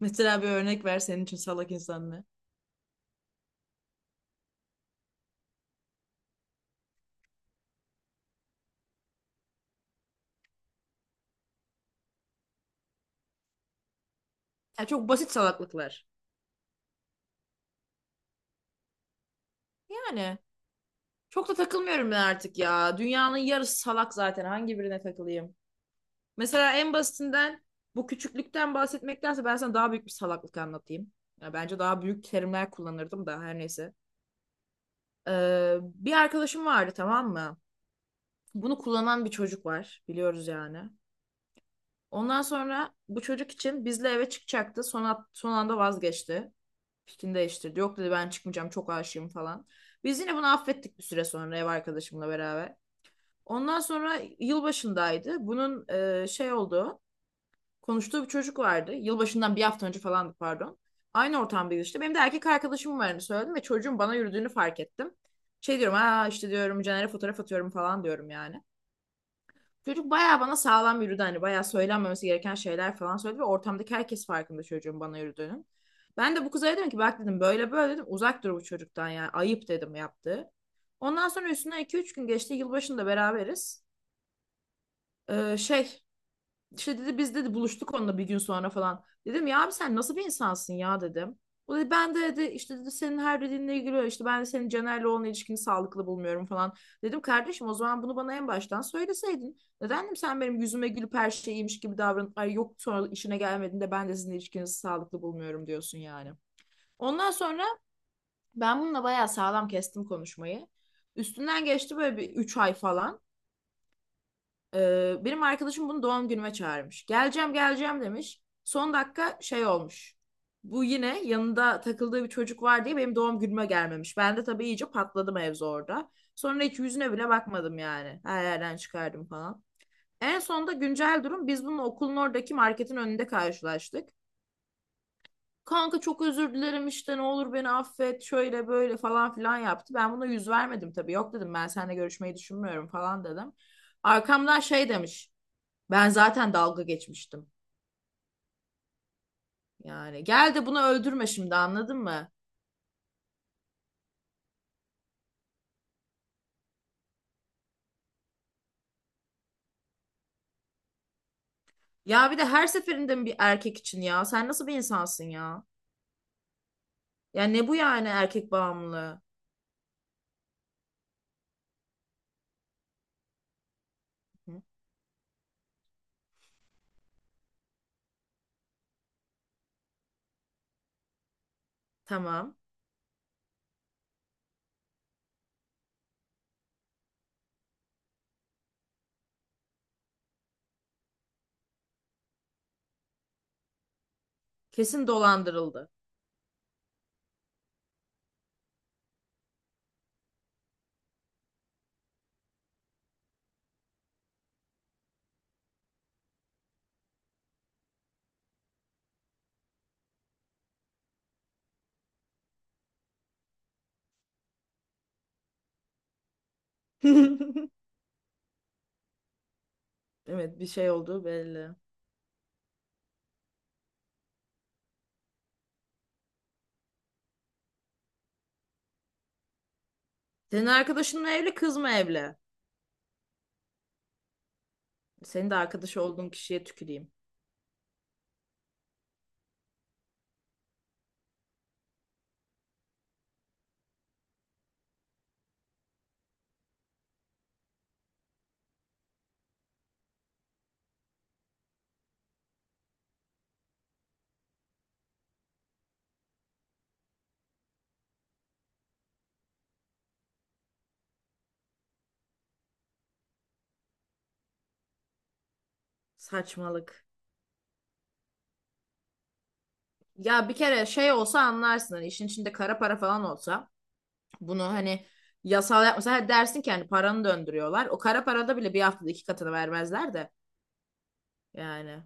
Mesela bir örnek ver senin için salak insan ne? Ya çok basit salaklıklar. Yani çok da takılmıyorum ben artık ya. Dünyanın yarısı salak zaten. Hangi birine takılayım? Mesela en basitinden bu küçüklükten bahsetmektense ben sana daha büyük bir salaklık anlatayım. Ya bence daha büyük terimler kullanırdım da her neyse. Bir arkadaşım vardı, tamam mı? Bunu kullanan bir çocuk var. Biliyoruz yani. Ondan sonra bu çocuk için bizle eve çıkacaktı. Son anda vazgeçti. Fikrini değiştirdi. Yok dedi, ben çıkmayacağım, çok aşığım falan. Biz yine bunu affettik bir süre sonra ev arkadaşımla beraber. Ondan sonra yılbaşındaydı. Bunun şey olduğu konuştuğu bir çocuk vardı. Yılbaşından bir hafta önce falandı, pardon. Aynı ortamdaydı işte. Benim de erkek arkadaşım varını söyledim ve çocuğun bana yürüdüğünü fark ettim. Şey diyorum, ha işte diyorum Caner'e fotoğraf atıyorum falan diyorum yani. Çocuk bayağı bana sağlam yürüdü, hani bayağı söylenmemesi gereken şeyler falan söyledi ve ortamdaki herkes farkında çocuğun bana yürüdüğünün. Ben de bu kıza dedim ki bak dedim, böyle böyle dedim, uzak dur bu çocuktan, yani ayıp dedim yaptı. Ondan sonra üstüne iki üç gün geçti, yılbaşında beraberiz. Şey işte dedi biz dedi buluştuk onunla bir gün sonra falan. Dedim ya abi sen nasıl bir insansın ya dedim. O dedi ben de dedi işte dedi senin her dediğinle ilgili, işte ben de senin Caner'le olan ilişkini sağlıklı bulmuyorum falan. Dedim kardeşim, o zaman bunu bana en baştan söyleseydin. Neden dedim, sen benim yüzüme gülüp her şey iyiymiş gibi davranıp ay yok, sonra işine gelmediğinde ben de sizin ilişkinizi sağlıklı bulmuyorum diyorsun yani. Ondan sonra ben bununla bayağı sağlam kestim konuşmayı. Üstünden geçti böyle bir 3 ay falan. Benim arkadaşım bunu doğum günüme çağırmış. Geleceğim geleceğim demiş. Son dakika şey olmuş. Bu yine yanında takıldığı bir çocuk var diye benim doğum günüme gelmemiş. Ben de tabii iyice patladım, mevzu orada. Sonra hiç yüzüne bile bakmadım yani. Her yerden çıkardım falan. En sonunda güncel durum, biz bununla okulun oradaki marketin önünde karşılaştık. Kanka çok özür dilerim işte ne olur beni affet şöyle böyle falan filan yaptı. Ben buna yüz vermedim tabii. Yok dedim ben seninle görüşmeyi düşünmüyorum falan dedim. Arkamdan şey demiş. Ben zaten dalga geçmiştim. Yani gel de bunu öldürme şimdi, anladın mı? Ya bir de her seferinde mi bir erkek için ya? Sen nasıl bir insansın ya? Ya ne bu yani, erkek bağımlılığı? Hı. Tamam. Kesin dolandırıldı. Evet, bir şey olduğu belli. Senin arkadaşın mı evli, kız mı evli? Senin de arkadaş olduğun kişiye tüküreyim. Saçmalık. Ya bir kere şey olsa anlarsın, hani işin içinde kara para falan olsa. Bunu hani yasal yapmasa, ha dersin ki hani paranı döndürüyorlar. O kara parada bile bir haftada iki katını vermezler de yani.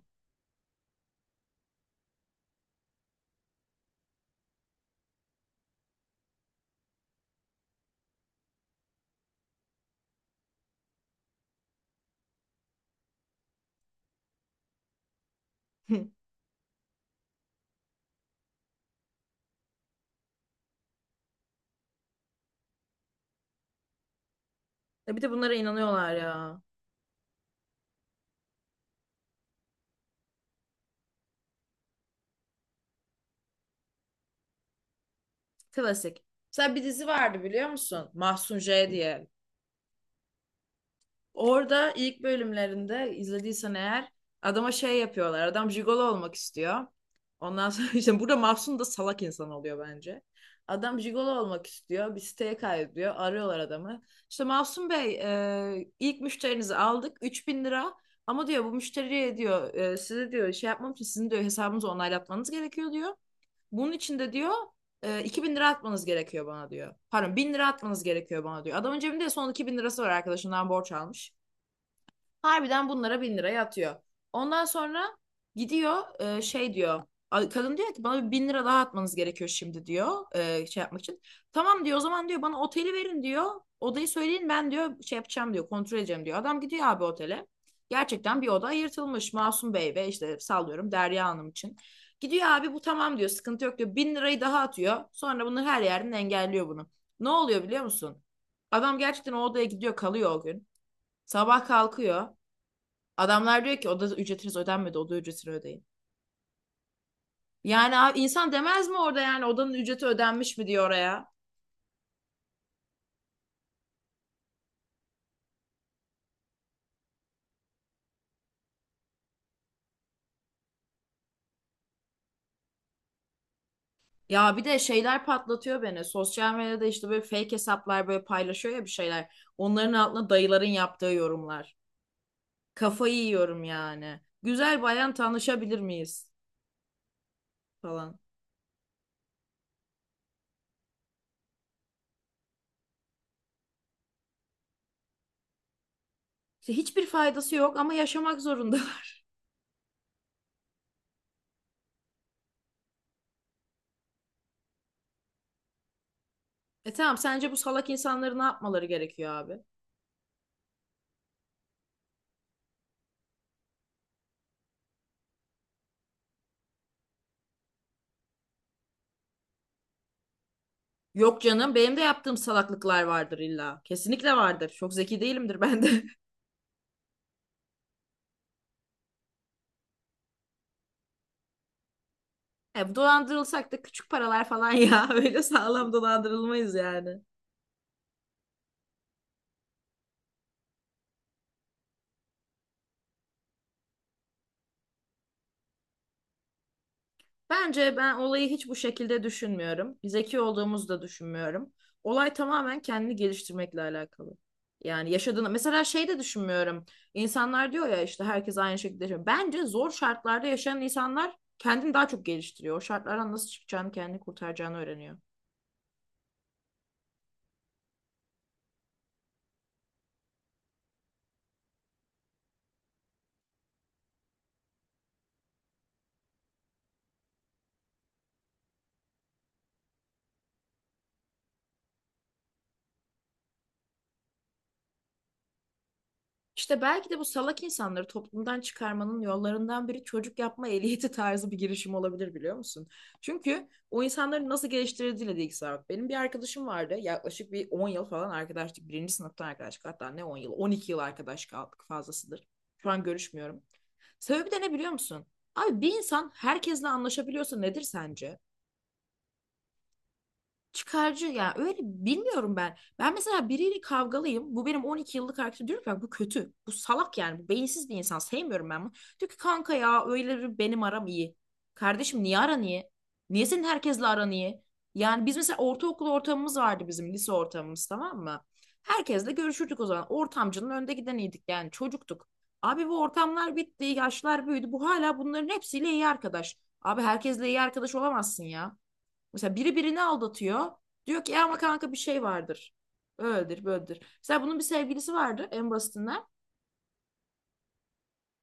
Ya bir de bunlara inanıyorlar ya. Klasik. Mesela bir dizi vardı, biliyor musun? Mahsun J diye. Orada ilk bölümlerinde izlediysen eğer adama şey yapıyorlar. Adam jigolo olmak istiyor. Ondan sonra işte burada Mahsun da salak insan oluyor bence. Adam jigolo olmak istiyor. Bir siteye kaydediyor. Arıyorlar adamı. İşte Mahsun Bey, ilk müşterinizi aldık. 3.000 lira. Ama diyor bu müşteriye diyor, size diyor şey yapmam için sizin diyor hesabınızı onaylatmanız gerekiyor diyor. Bunun için de diyor 2.000 lira atmanız gerekiyor bana diyor. Pardon, 1.000 lira atmanız gerekiyor bana diyor. Adamın cebinde son 2.000 lirası var, arkadaşından borç almış. Harbiden bunlara 1.000 liraya atıyor. Ondan sonra gidiyor, şey diyor. Kadın diyor ki bana bir 1.000 lira daha atmanız gerekiyor şimdi diyor, şey yapmak için. Tamam diyor, o zaman diyor bana oteli verin diyor. Odayı söyleyin, ben diyor şey yapacağım diyor, kontrol edeceğim diyor. Adam gidiyor abi otele. Gerçekten bir oda ayırtılmış Masum Bey ve işte sallıyorum Derya Hanım için. Gidiyor abi, bu tamam diyor, sıkıntı yok diyor. 1.000 lirayı daha atıyor. Sonra bunu her yerden engelliyor bunu. Ne oluyor biliyor musun? Adam gerçekten o odaya gidiyor kalıyor o gün. Sabah kalkıyor. Adamlar diyor ki oda ücretiniz ödenmedi, oda ücretini ödeyin. Yani abi, insan demez mi orada, yani odanın ücreti ödenmiş mi diyor oraya? Ya bir de şeyler patlatıyor beni. Sosyal medyada işte böyle fake hesaplar böyle paylaşıyor ya bir şeyler. Onların altına dayıların yaptığı yorumlar. Kafayı yiyorum yani. Güzel bayan tanışabilir miyiz falan. İşte hiçbir faydası yok ama yaşamak zorundalar. Tamam, sence bu salak insanları ne yapmaları gerekiyor abi? Yok canım, benim de yaptığım salaklıklar vardır illa. Kesinlikle vardır. Çok zeki değilimdir ben de. Dolandırılsak da küçük paralar falan ya. Öyle sağlam dolandırılmayız yani. Bence ben olayı hiç bu şekilde düşünmüyorum. Zeki olduğumuzu da düşünmüyorum. Olay tamamen kendini geliştirmekle alakalı. Yani yaşadığını mesela şey de düşünmüyorum. İnsanlar diyor ya işte herkes aynı şekilde yaşıyor. Bence zor şartlarda yaşayan insanlar kendini daha çok geliştiriyor. O şartlardan nasıl çıkacağını, kendini kurtaracağını öğreniyor. İşte belki de bu salak insanları toplumdan çıkarmanın yollarından biri çocuk yapma ehliyeti tarzı bir girişim olabilir, biliyor musun? Çünkü o insanların nasıl geliştirildiğiyle de ilgisi var. Benim bir arkadaşım vardı, yaklaşık bir 10 yıl falan arkadaşlık. Birinci sınıftan arkadaşlık, hatta ne 10 yıl 12 yıl arkadaş kaldık, fazlasıdır. Şu an görüşmüyorum. Sebebi de ne biliyor musun? Abi bir insan herkesle anlaşabiliyorsa nedir sence? Çıkarcı, yani öyle bilmiyorum ben. Ben mesela biriyle kavgalıyım. Bu benim 12 yıllık arkadaşım. Diyorum ki "Bak bu kötü. Bu salak yani. Bu beyinsiz bir insan. Sevmiyorum ben bunu." Diyor ki kanka ya öyle bir benim aram iyi. Kardeşim, niye aran iyi? Niye senin herkesle aran iyi? Yani biz mesela ortaokul ortamımız vardı, bizim lise ortamımız, tamam mı? Herkesle görüşürdük o zaman. Ortamcının önde gideniydik yani, çocuktuk. Abi bu ortamlar bitti, yaşlar büyüdü. Bu hala bunların hepsiyle iyi arkadaş. Abi herkesle iyi arkadaş olamazsın ya. Mesela biri birini aldatıyor. Diyor ki ya ama kanka bir şey vardır. Öyledir, böyledir. Mesela bunun bir sevgilisi vardı, en basitinden.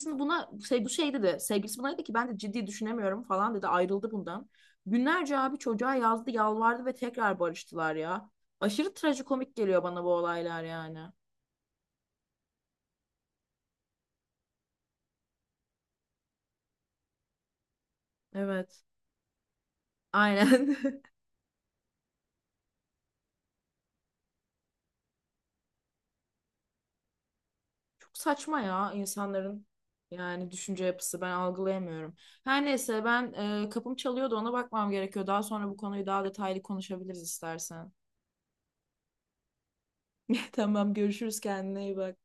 Aslında buna şey, bu şey dedi. Sevgilisi buna dedi ki ben de ciddi düşünemiyorum falan dedi. Ayrıldı bundan. Günlerce abi çocuğa yazdı, yalvardı ve tekrar barıştılar ya. Aşırı trajikomik geliyor bana bu olaylar yani. Evet. Aynen. Çok saçma ya insanların, yani düşünce yapısı ben algılayamıyorum. Her neyse ben kapım çalıyordu, ona bakmam gerekiyor. Daha sonra bu konuyu daha detaylı konuşabiliriz istersen. Tamam, görüşürüz, kendine iyi bak.